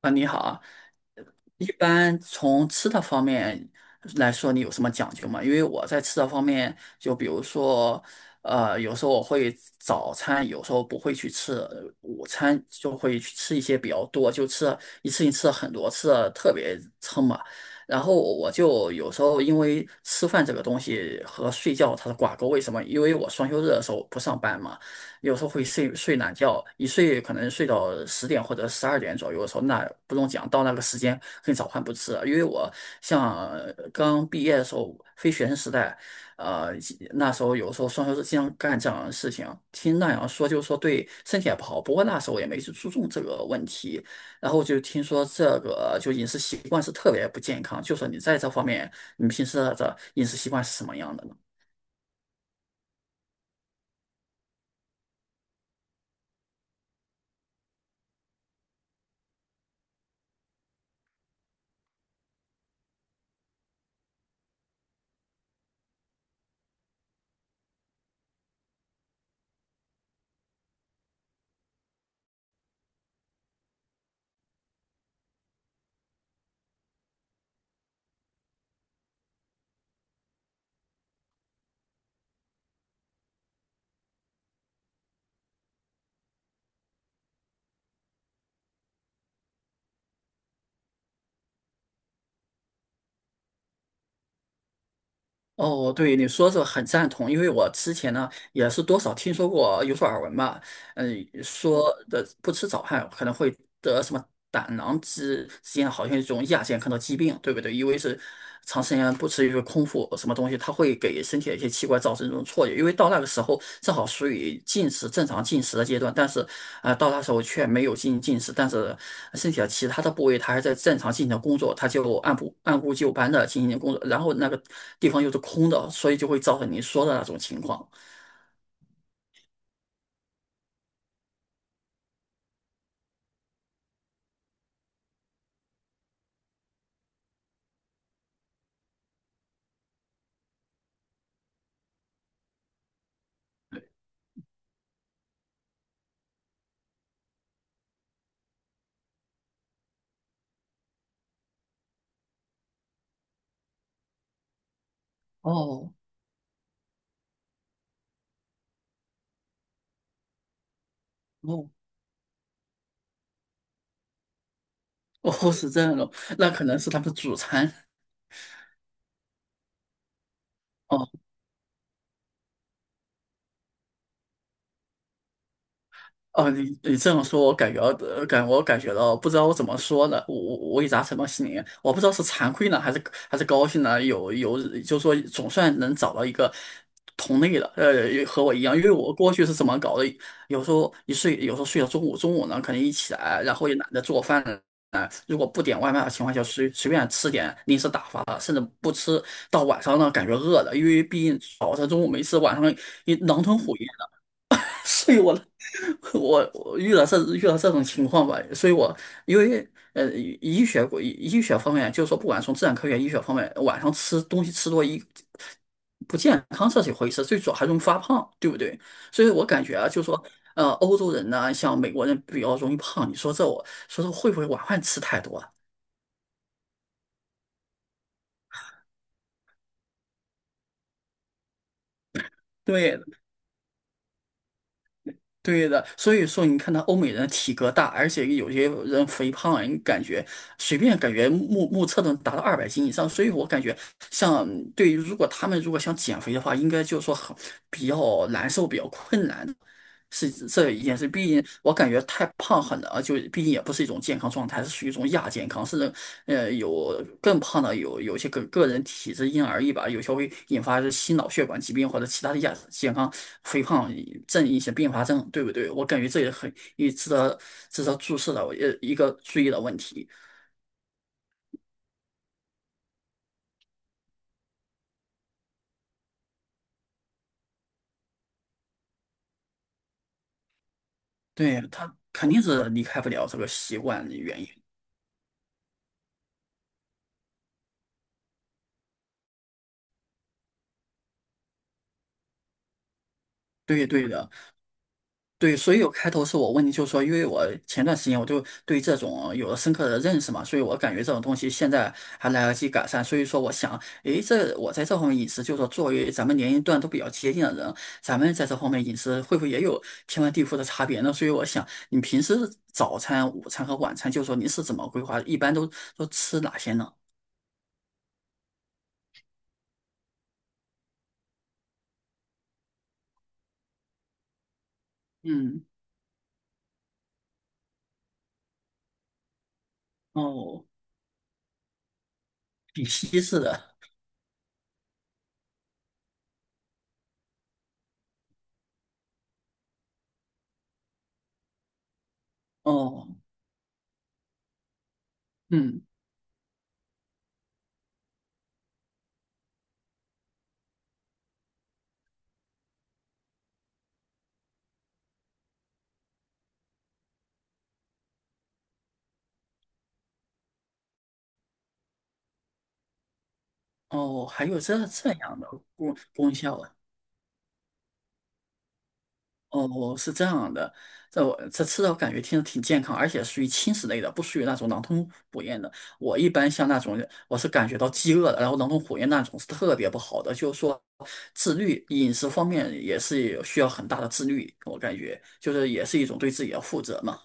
啊，你好啊，一般从吃的方面来说，你有什么讲究吗？因为我在吃的方面，就比如说，有时候我会早餐，有时候不会去吃，午餐就会去吃一些比较多，就吃了一次性吃了很多，吃的特别撑嘛。然后我就有时候因为吃饭这个东西和睡觉它是挂钩，为什么？因为我双休日的时候不上班嘛。有时候会睡懒觉，一睡可能睡到十点或者十二点左右的时候，那不用讲，到那个时间跟早饭不吃了。因为我像刚毕业的时候，非学生时代，呃，那时候有时候双休日经常干这样的事情，听那样说就是说对身体也不好，不过那时候也没去注重这个问题，然后就听说这个就饮食习惯是特别不健康，就说你在这方面，你平时的饮食习惯是什么样的呢？哦，对，你说这个很赞同，因为我之前呢也是多少听说过，有所耳闻吧。嗯，说的不吃早饭可能会得什么胆囊之间好像一种亚健康的疾病，对不对？因为是长时间不吃一个空腹什么东西，它会给身体的一些器官造成这种错觉。因为到那个时候正好属于进食正常进食的阶段，但是到那时候却没有进行进食，但是身体的其他的部位它还在正常进行工作，它就按部就班的进行工作，然后那个地方又是空的，所以就会造成您说的那种情况。哦哦，哦，是这样的，那可能是他们主餐。哦。哦，你这样说，我感觉我感觉到，不知道我怎么说呢，我也达什么心里，我不知道是惭愧呢，还是还是高兴呢，有有，就是说总算能找到一个同类了，和我一样，因为我过去是怎么搞的，有时候一睡，有时候睡到中午，中午呢可能一起来，然后也懒得做饭了。啊，如果不点外卖的情况下，随便吃点零食打发的，甚至不吃，到晚上呢感觉饿了，因为毕竟早上中午没吃，晚上一狼吞虎咽的，睡我了 我遇到这遇到这种情况吧，所以我因为医学医学方面，就是说不管从自然科学、医学方面，晚上吃东西吃多一不健康这是一回事，最主要还容易发胖，对不对？所以我感觉啊，就是说欧洲人呢，像美国人比较容易胖，你说这我说这会不会晚饭吃太多啊。对，对的，所以说你看他欧美人体格大，而且有些人肥胖，你感觉随便感觉目测能达到二百斤以上，所以我感觉像对于如果他们如果想减肥的话，应该就是说很比较难受，比较困难的是这一件事。毕竟我感觉太胖很难，就毕竟也不是一种健康状态，是属于一种亚健康，是有更胖的有有些个人体质因人而异吧，有些会引发心脑血管疾病或者其他的亚健康肥胖症一些并发症，对不对？我感觉这也很也值得值得注视的呃一个注意的问题。对，他肯定是离开不了这个习惯的原因。对对的。对，所以有开头是我问你，就是说，因为我前段时间我就对这种有了深刻的认识嘛，所以我感觉这种东西现在还来得及改善，所以说我想，诶，这我在这方面饮食，就是说作为咱们年龄段都比较接近的人，咱们在这方面饮食会不会也有天翻地覆的差别呢？所以我想，你平时早餐、午餐和晚餐，就是说您是怎么规划，一般都吃哪些呢？嗯，哦，比西式的，哦，嗯，哦，还有这这样的功效啊。哦，是这样的，这我这吃的我感觉听着挺健康，而且属于轻食类的，不属于那种狼吞虎咽的。我一般像那种，我是感觉到饥饿的，然后狼吞虎咽那种是特别不好的，就是说自律饮食方面也是有需要很大的自律，我感觉就是也是一种对自己的负责嘛。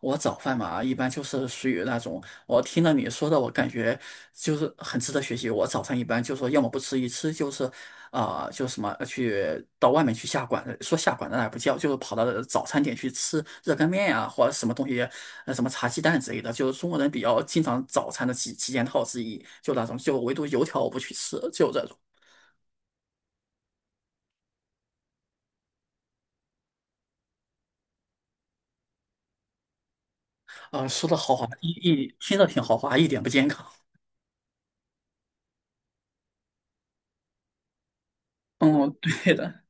我早饭嘛，一般就是属于那种，我听了你说的，我感觉就是很值得学习。我早餐一般就说，要么不吃，一吃就是，啊、就什么呃去到外面去下馆子，说下馆子那也不叫，就是跑到早餐店去吃热干面呀、或者什么东西，什么茶鸡蛋之类的，就是中国人比较经常早餐的几件套之一，就那种，就唯独油条我不去吃，就这种。说的豪华，一听着挺豪华，一点不健康。嗯，对的。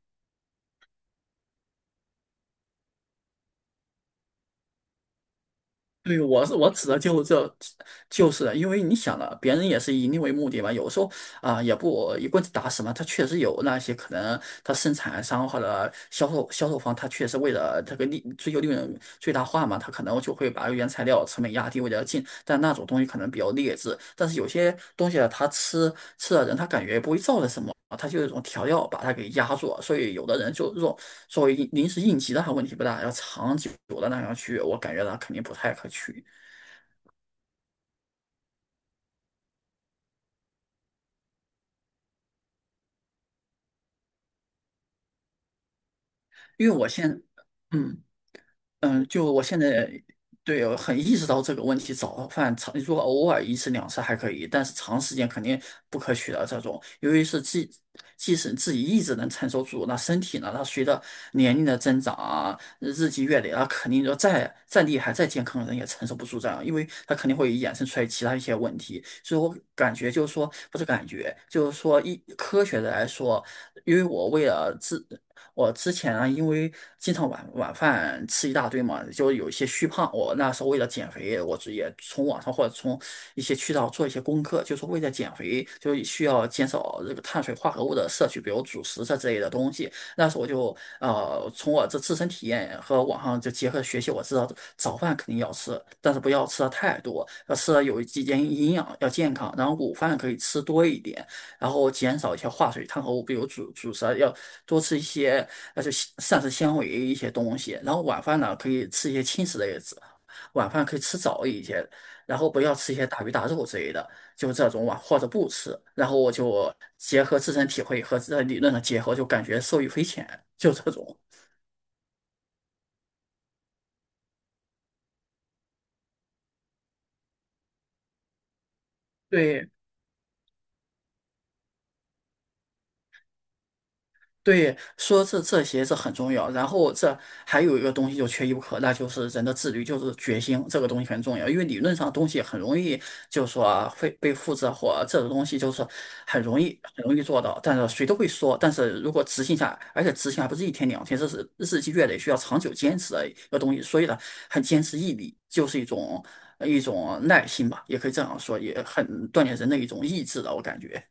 对，我是我指的就这，就是的因为你想了，别人也是以你为目的嘛。有时候也不一棍子打死嘛。他确实有那些可能，他生产商或者销售方，他确实为了这个利追求利润最大化嘛，他可能就会把原材料成本压低，为了进。但那种东西可能比较劣质，但是有些东西啊，他吃吃的人，他感觉不会造成什么。它就是一种调料把它给压住了，所以有的人就这种作为应临时应急的话问题不大，要长久的那样去，我感觉它肯定不太可取，因为我现嗯。嗯，就我现在对我很意识到这个问题，早饭长如果偶尔一次两次还可以，但是长时间肯定不可取的这种。由于是自，即使自己意志能承受住，那身体呢，它随着年龄的增长啊，日积月累啊，肯定就再厉害、再健康的人也承受不住这样，因为它肯定会衍生出来其他一些问题。所以我感觉就是说，不是感觉，就是说一科学的来说，因为我为了自。我之前啊，因为经常晚饭吃一大堆嘛，就有一些虚胖。我那时候为了减肥，我直也从网上或者从一些渠道做一些功课，就是为了减肥，就需要减少这个碳水化合物的摄取，比如主食这之类的东西。那时候我就从我这自身体验和网上就结合学习，我知道早饭肯定要吃，但是不要吃的太多，要吃的有几间营养，要健康。然后午饭可以吃多一点，然后减少一些化水碳合物，比如主食要多吃一些，那就膳食纤维一些东西。然后晚饭呢，可以吃一些轻食类的，晚饭可以吃早一些，然后不要吃一些大鱼大肉之类的，就这种晚或者不吃。然后我就结合自身体会和这理论的结合，就感觉受益匪浅，就这种。对，对，说这这些这很重要。然后这还有一个东西就缺一不可，那就是人的自律，就是决心，这个东西很重要。因为理论上东西很容易，就是说啊会被复制或这种东西就是很容易很容易做到，但是谁都会说。但是如果执行下来，而且执行还不是一天两天，这是日积月累需要长久坚持的一个东西。所以呢，很坚持毅力就是一种一种耐心吧，也可以这样说，也很锻炼人的一种意志的，我感觉。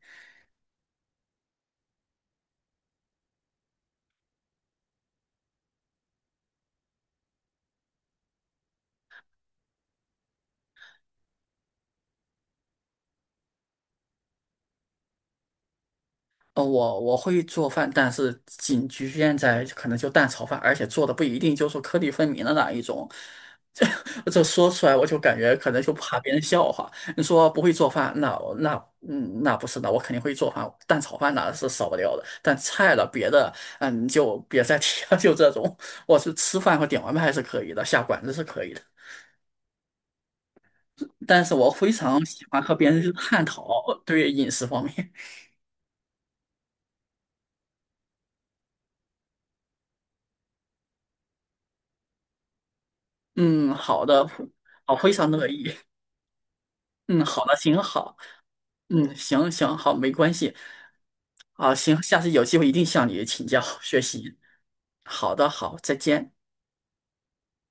我会做饭，但是仅局限在可能就蛋炒饭，而且做的不一定就是颗粒分明的那一种。这说出来我就感觉可能就怕别人笑话。你说不会做饭，那我那嗯那不是的，我肯定会做饭，蛋炒饭那是少不了的。但菜了别的，嗯就别再提了，就这种。我是吃饭和点外卖是可以的，下馆子是可以的，但是我非常喜欢和别人去探讨对饮食方面。嗯，好的，我非常乐意。嗯，好的，行，好，嗯，行行，好，没关系，啊，行，下次有机会一定向你请教学习。好的，好，再见。